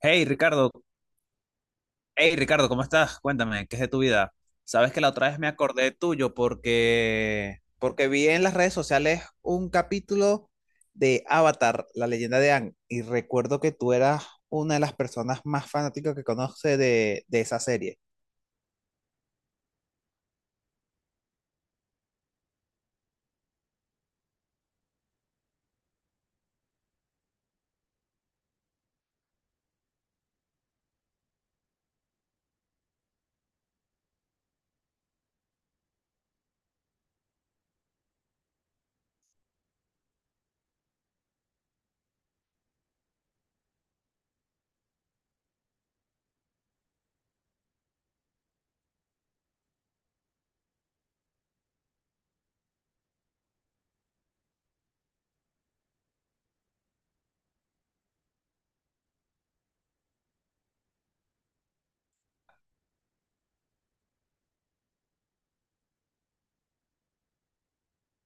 Hey Ricardo, hey Ricardo, ¿cómo estás? Cuéntame, ¿qué es de tu vida? Sabes que la otra vez me acordé tuyo porque vi en las redes sociales un capítulo de Avatar, la leyenda de Aang, y recuerdo que tú eras una de las personas más fanáticas que conoce de esa serie.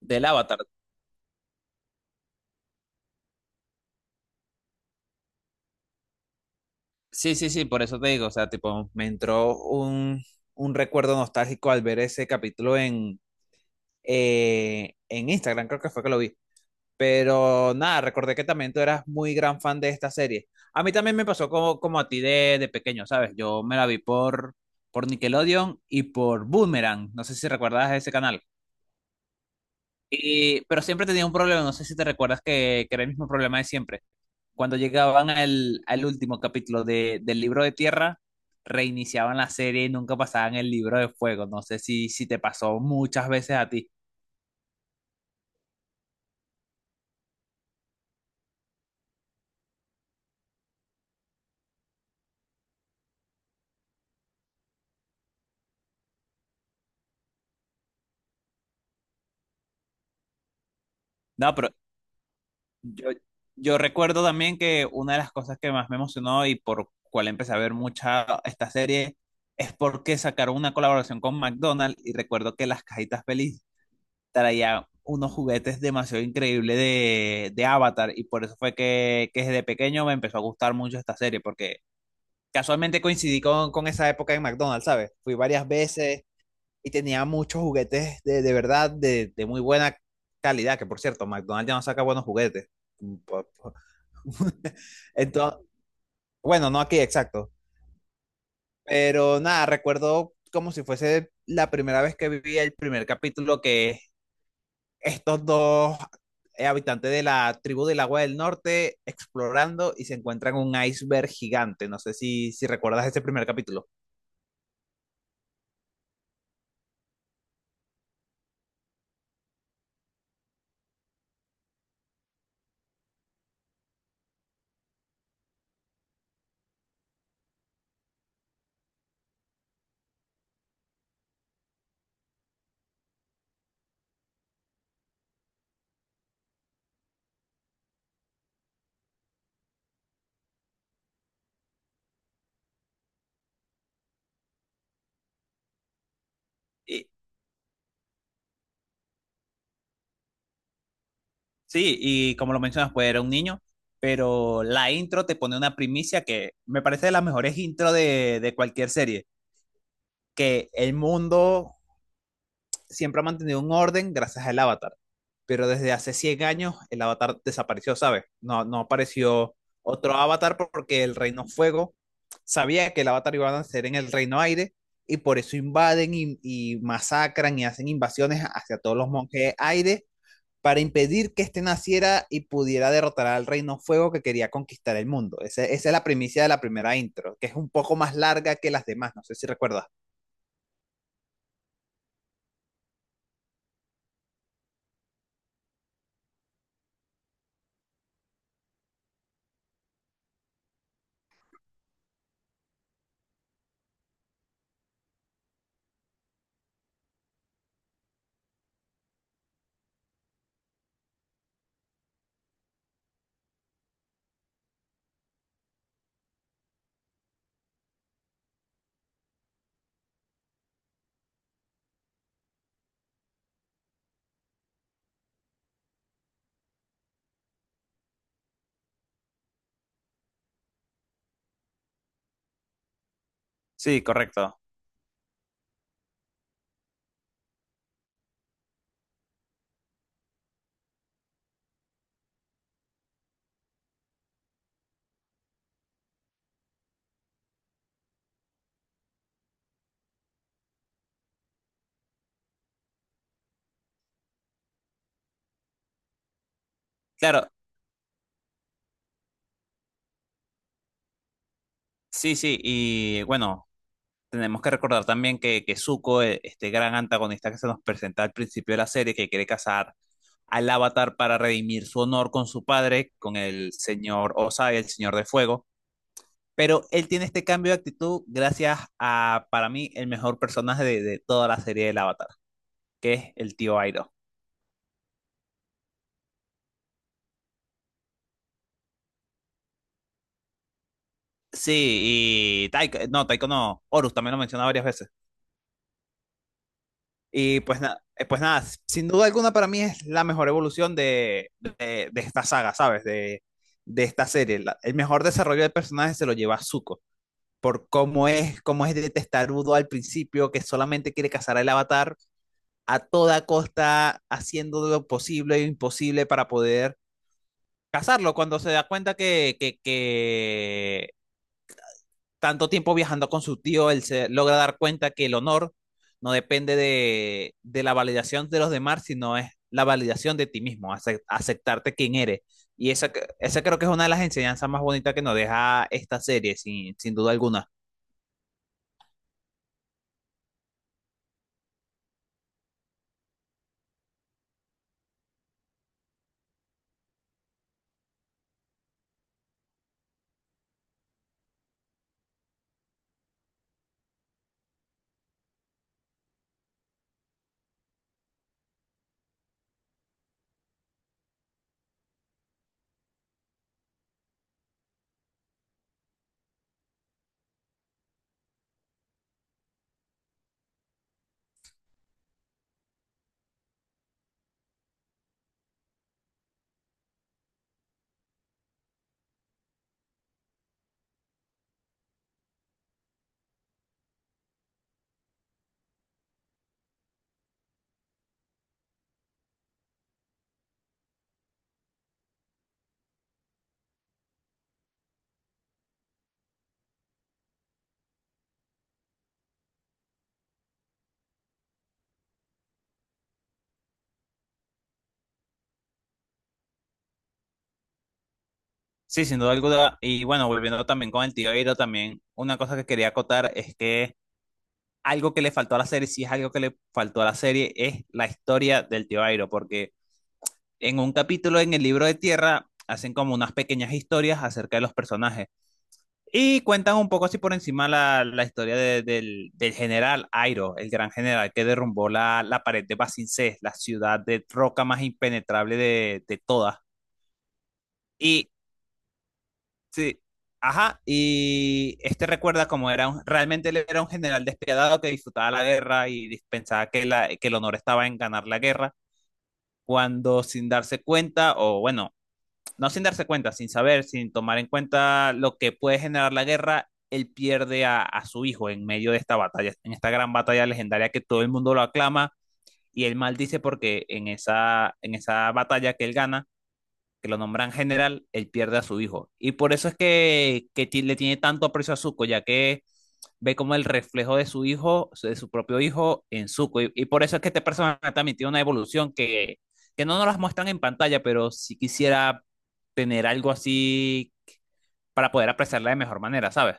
Del Avatar. Sí, sí, sí, por eso te digo, o sea, tipo, me entró un recuerdo nostálgico al ver ese capítulo en Instagram, creo que fue que lo vi. Pero nada, recordé que también tú eras muy gran fan de esta serie. A mí también me pasó como, como a ti de pequeño, ¿sabes? Yo me la vi por Nickelodeon y por Boomerang. No sé si recuerdas ese canal. Y pero siempre tenía un problema, no sé si te recuerdas que era el mismo problema de siempre. Cuando llegaban al último capítulo del libro de tierra, reiniciaban la serie y nunca pasaban el libro de fuego. No sé si, si te pasó muchas veces a ti. No, pero Yo, yo recuerdo también que una de las cosas que más me emocionó y por cual empecé a ver mucha esta serie es porque sacaron una colaboración con McDonald's y recuerdo que las cajitas feliz traían unos juguetes demasiado increíbles de Avatar y por eso fue que desde pequeño me empezó a gustar mucho esta serie porque casualmente coincidí con esa época en McDonald's, ¿sabes? Fui varias veces y tenía muchos juguetes de verdad de muy buena calidad, que por cierto, McDonald's ya no saca buenos juguetes. Entonces, bueno, no aquí, exacto. Pero nada, recuerdo como si fuese la primera vez que vi el primer capítulo que estos dos habitantes de la tribu del agua del norte explorando y se encuentran un iceberg gigante. No sé si, si recuerdas ese primer capítulo. Y sí, y como lo mencionas, pues era un niño, pero la intro te pone una primicia que me parece de las mejores intros de cualquier serie, que el mundo siempre ha mantenido un orden gracias al avatar, pero desde hace 100 años el avatar desapareció, ¿sabes? No, no apareció otro avatar porque el Reino Fuego sabía que el avatar iba a nacer en el Reino Aire y por eso invaden y masacran y hacen invasiones hacia todos los monjes aire para impedir que este naciera y pudiera derrotar al Reino Fuego que quería conquistar el mundo. Esa es la primicia de la primera intro, que es un poco más larga que las demás, no sé si recuerdas. Sí, correcto. Claro, sí, sí, y bueno, tenemos que recordar también que Zuko, este gran antagonista que se nos presenta al principio de la serie, que quiere casar al Avatar para redimir su honor con su padre, con el señor Osai, el señor de fuego, pero él tiene este cambio de actitud gracias a, para mí, el mejor personaje de toda la serie del Avatar, que es el tío Airo. Sí, y Taiko no, Horus también lo menciona varias veces. Y pues, pues nada, sin duda alguna para mí es la mejor evolución de esta saga, ¿sabes? De esta serie. El mejor desarrollo de personajes se lo lleva Zuko, por cómo es de testarudo al principio, que solamente quiere cazar al avatar a toda costa, haciendo lo posible e imposible para poder cazarlo, cuando se da cuenta que, tanto tiempo viajando con su tío, él se logra dar cuenta que el honor no depende de la validación de los demás, sino es la validación de ti mismo, aceptarte quien eres. Y esa, esa creo que es una de las enseñanzas más bonitas que nos deja esta serie, sin, sin duda alguna. Sí, sin duda alguna. Y bueno, volviendo también con el tío Airo, también una cosa que quería acotar es que algo que le faltó a la serie, si es algo que le faltó a la serie, es la historia del tío Airo, porque en un capítulo en el libro de tierra hacen como unas pequeñas historias acerca de los personajes y cuentan un poco así por encima la, la historia del general Airo, el gran general que derrumbó la, la pared de Basincés, la ciudad de roca más impenetrable de todas. Y sí, ajá, y este recuerda cómo era realmente él era un general despiadado que disfrutaba la guerra y pensaba que, la, que el honor estaba en ganar la guerra, cuando sin darse cuenta, o bueno, no sin darse cuenta, sin saber, sin tomar en cuenta lo que puede generar la guerra, él pierde a su hijo en medio de esta batalla, en esta gran batalla legendaria que todo el mundo lo aclama y él maldice porque en esa batalla que él gana, que lo nombran general, él pierde a su hijo. Y por eso es que le tiene tanto aprecio a Zuko, ya que ve como el reflejo de su hijo, de su propio hijo en Zuko. Y por eso es que este personaje también tiene una evolución que no nos las muestran en pantalla, pero si quisiera tener algo así para poder apreciarla de mejor manera, ¿sabes?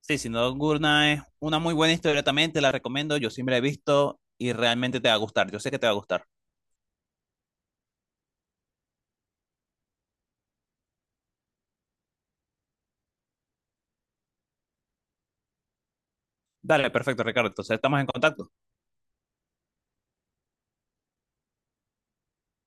Sí, Sin Duda Nocturna es una muy buena historia también, te la recomiendo, yo siempre la he visto y realmente te va a gustar, yo sé que te va a gustar. Dale, perfecto, Ricardo, entonces estamos en contacto.